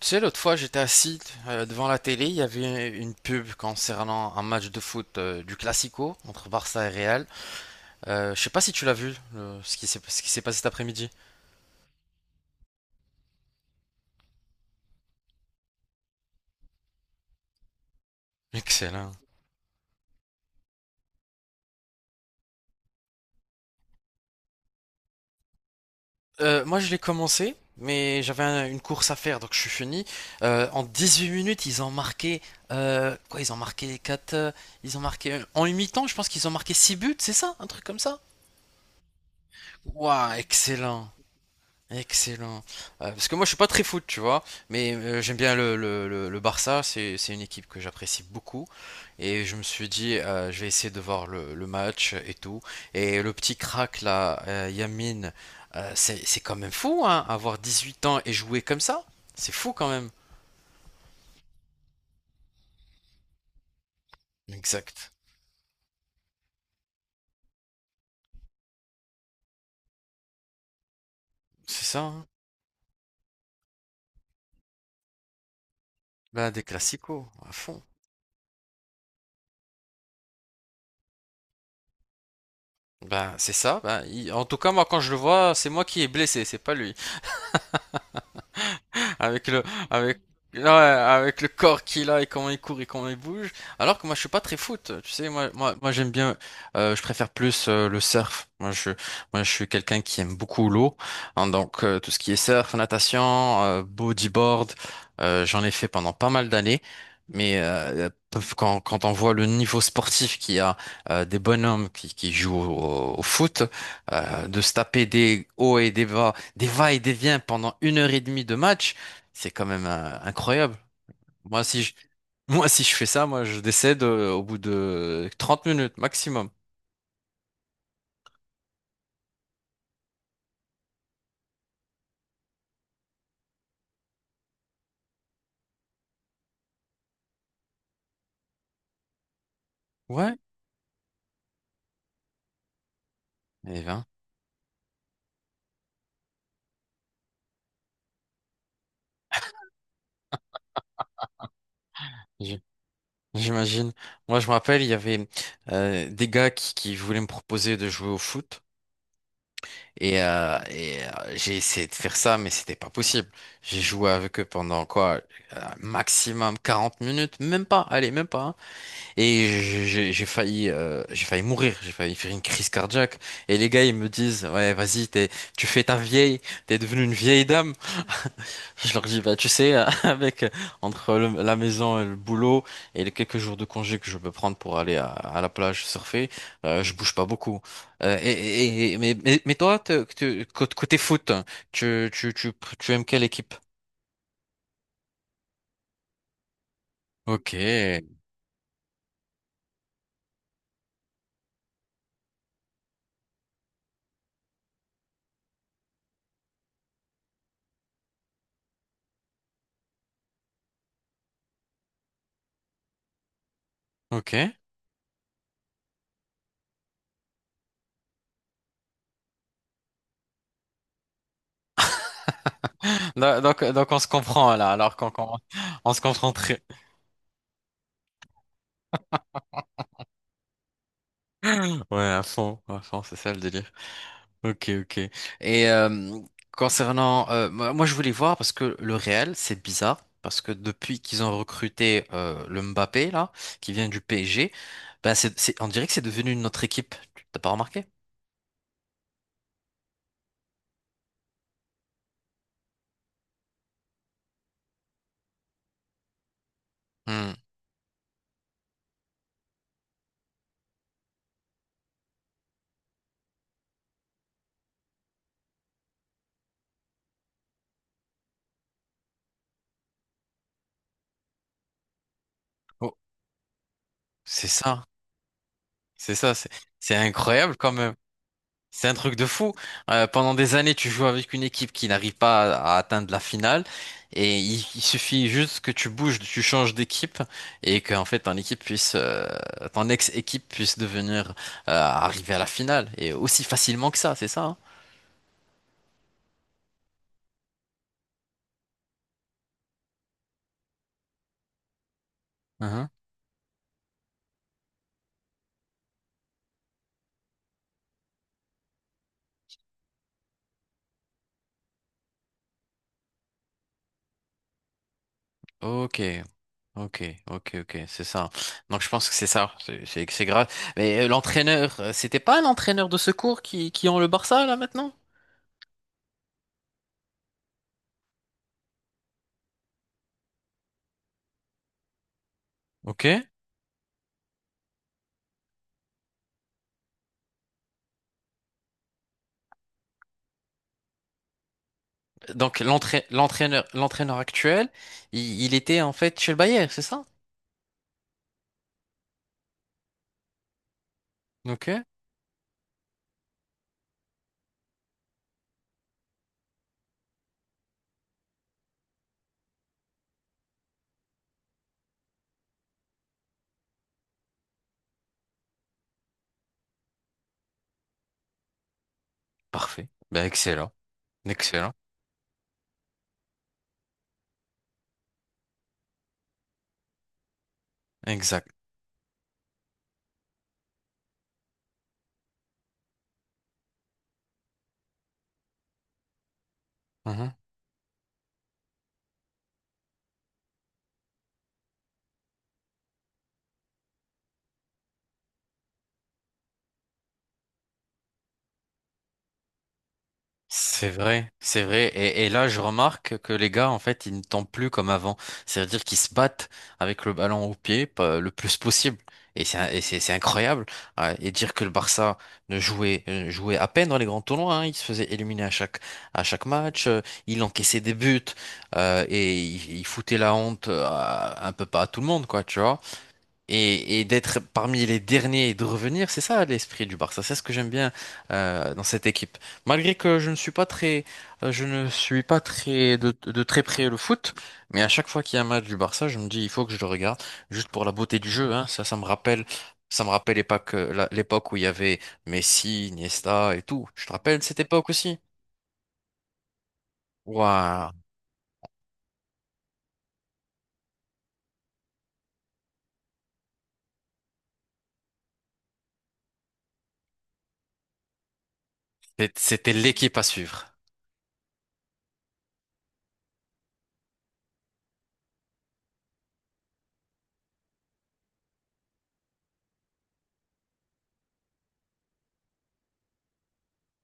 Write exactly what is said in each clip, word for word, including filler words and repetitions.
Tu sais, l'autre fois, j'étais assis euh, devant la télé, il y avait une pub concernant un match de foot, euh, du Classico entre Barça et Real. Euh, je sais pas si tu l'as vu, le- ce qui s'est, ce qui s'est passé cet après-midi. Excellent. Euh, moi, je l'ai commencé, mais j'avais un- une course à faire, donc je suis fini. Euh, en dix-huit minutes, ils ont marqué… euh, quoi, ils ont marqué quatre. euh, Ils ont marqué… En une mi-temps, je pense qu'ils ont marqué six buts, c'est ça? Un truc comme ça? Waouh, excellent. Excellent. Euh, parce que moi, je suis pas très foot, tu vois, mais euh, j'aime bien le, le, le- le Barça. C'est, c'est une équipe que j'apprécie beaucoup. Et je me suis dit, euh, je vais essayer de voir le, le match et tout. Et le petit crack là, euh, Yamine, euh, c'est, c'est quand même fou, hein, avoir dix-huit ans et jouer comme ça. C'est fou quand même. Exact. C'est ça, hein. Ben, des classicos, à fond. Ben, c'est ça. Ben, il- En tout cas, moi, quand je le vois, c'est moi qui est blessé, c'est pas lui. Avec le, avec, ouais, avec le corps qu'il a et comment il court et comment il bouge. Alors que moi, je suis pas très foot. Tu sais, moi, moi, moi, j'aime bien. Euh, je préfère plus, euh, le surf. Moi, je, moi, je suis quelqu'un qui aime beaucoup l'eau, hein. Donc, euh, tout ce qui est surf, natation, euh, bodyboard, euh, j'en ai fait pendant pas mal d'années. Mais euh, quand, quand on voit le niveau sportif qu'il y a, euh, des bonhommes qui, qui jouent au, au foot, euh, de se taper des hauts et des bas, des va et des viens pendant une heure et demie de match. C'est quand même, euh, incroyable. Moi, si je, moi, si je fais ça, moi, je décède, euh, au bout de trente minutes maximum. Ouais. Et ben, j- j'imagine. Moi, je me rappelle, il y avait euh, des gars qui, qui voulaient me proposer de jouer au foot. Et, euh, et, euh, j'ai essayé de faire ça, mais c'était pas possible. J'ai joué avec eux pendant quoi? Euh, maximum quarante minutes, même pas. Allez, même pas, hein. Et j'ai j'ai- failli, euh, j'ai failli mourir, j'ai failli faire une crise cardiaque. Et les gars, ils me disent, ouais, vas-y, t'es, tu fais ta vieille, t'es devenue une vieille dame. Je leur dis, bah, tu sais, avec euh, entre le- la maison et le boulot et les quelques jours de congé que je peux prendre pour aller à, à la plage surfer, euh, je bouge pas beaucoup. Euh, et, et- et- mais, mais, mais toi, te- te- côté côté foot, tu, tu, tu, tu aimes quelle équipe? Ok, ok. Donc, donc, donc on se comprend là, alors qu'on qu'on- on se comprend très, ouais, à fond, à fond, c'est ça le délire. Ok, ok. Et euh, concernant, euh, moi moi, je voulais voir parce que le Real, c'est bizarre parce que depuis qu'ils ont recruté, euh, le Mbappé là, qui vient du P S G, ben c'est, c'est, on dirait que c'est devenu une autre équipe. Tu- T'as pas remarqué? Hmm. Oh, c'est ça, c'est ça, c'est, c'est incroyable quand même. C'est un truc de fou. Euh, pendant des années, tu joues avec une équipe qui n'arrive pas à, à atteindre la finale, et il, il suffit juste que tu bouges, tu changes d'équipe, et qu'en fait ton équipe puisse, euh, ton ex-équipe puisse devenir, euh, arriver à la finale, et aussi facilement que ça, c'est ça, hein. Mhm. Ok, ok, ok, ok, c'est ça. Donc je pense que c'est ça, c'est c'est- c'est grave. Mais euh, l'entraîneur, euh, c'était pas l'entraîneur de secours qui qui ont le Barça là maintenant? Ok. Donc l'entra- l'entraîneur l'entraîneur actuel, il, il était en fait chez le Bayern, c'est ça? Ok, parfait. Ben excellent, excellent, exact. Mhm. C'est vrai, c'est vrai. Et, et là, je remarque que les gars, en fait, ils ne tombent plus comme avant. C'est-à-dire qu'ils se battent avec le ballon au pied pas- le plus possible. Et c'est, un- et c'est, c'est incroyable. Ah, et dire que le Barça ne jouait, euh, jouait à peine dans les grands tournois, hein. Il se faisait éliminer à chaque, à chaque match. euh, Il encaissait des buts, euh, et il, il foutait la honte, euh, à- un peu pas à tout le monde, quoi, tu vois. Et, et d'être parmi les derniers et de revenir, c'est ça l'esprit du Barça. C'est ce que j'aime bien, euh, dans cette équipe. Malgré que je ne suis pas très, euh, je ne suis pas très de, de très près le foot, mais à chaque fois qu'il y a un match du Barça, je me dis il faut que je le regarde juste pour la beauté du jeu, hein. Ça, ça me rappelle, ça me rappelle l'époque, euh, la- l'époque où il y avait Messi, Iniesta et tout. Je te rappelle cette époque aussi. Waouh, C'est- c'était l'équipe à suivre.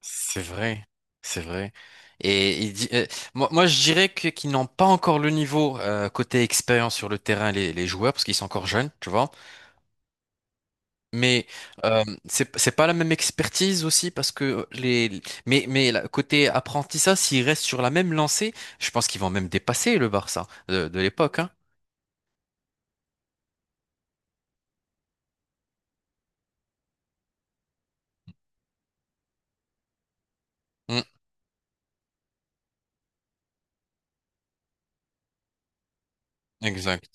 C'est vrai, c'est vrai. Et il dit, euh, moi, moi, je dirais que- qu'ils n'ont pas encore le niveau, euh, côté expérience sur le terrain, les, les joueurs, parce qu'ils sont encore jeunes, tu vois. Mais euh, c'est c'est pas la même expertise aussi, parce que les. Mais, mais la- côté apprentissage, s'ils restent sur la même lancée, je pense qu'ils vont même dépasser le Barça de, de l'époque, hein. Mm, exact.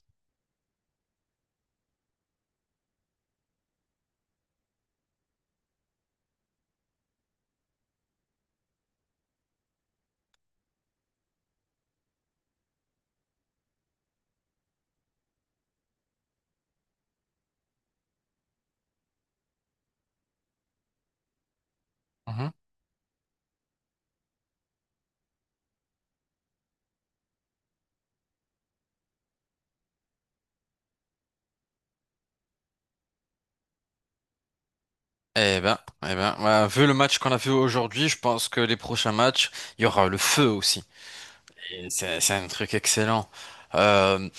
Mhm. Eh ben, eh ben, ouais, vu le match qu'on a vu aujourd'hui, je pense que les prochains matchs, il y aura le feu aussi. C'est c'est un truc excellent. Euh,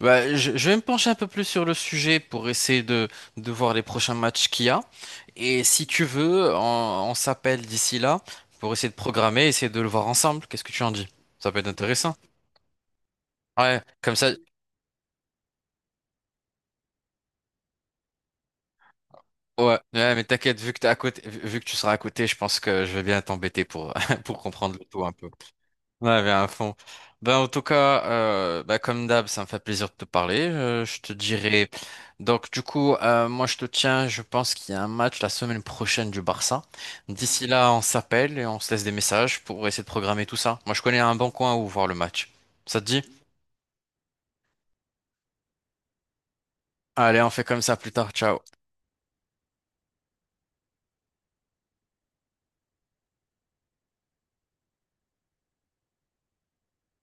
Bah, je, je vais me pencher un peu plus sur le sujet pour essayer de, de voir les prochains matchs qu'il y a. Et si tu veux, on, on s'appelle d'ici là pour essayer de programmer, essayer de le voir ensemble. Qu'est-ce que tu en dis? Ça peut être intéressant. Ouais, comme ça. Ouais, ouais, mais t'inquiète, vu que t'es à côté, vu vu que tu seras à côté, je pense que je vais bien t'embêter pour, pour comprendre le tout un peu. Ouais, bien à fond. Ben, en tout cas, euh, ben, comme d'hab, ça me fait plaisir de te parler. Euh, je te dirai. Donc, du coup, euh, moi, je te tiens. Je pense qu'il y a un match la semaine prochaine du Barça. D'ici là, on s'appelle et on se laisse des messages pour essayer de programmer tout ça. Moi, je connais un bon coin où voir le match. Ça te dit? Allez, on fait comme ça plus tard. Ciao.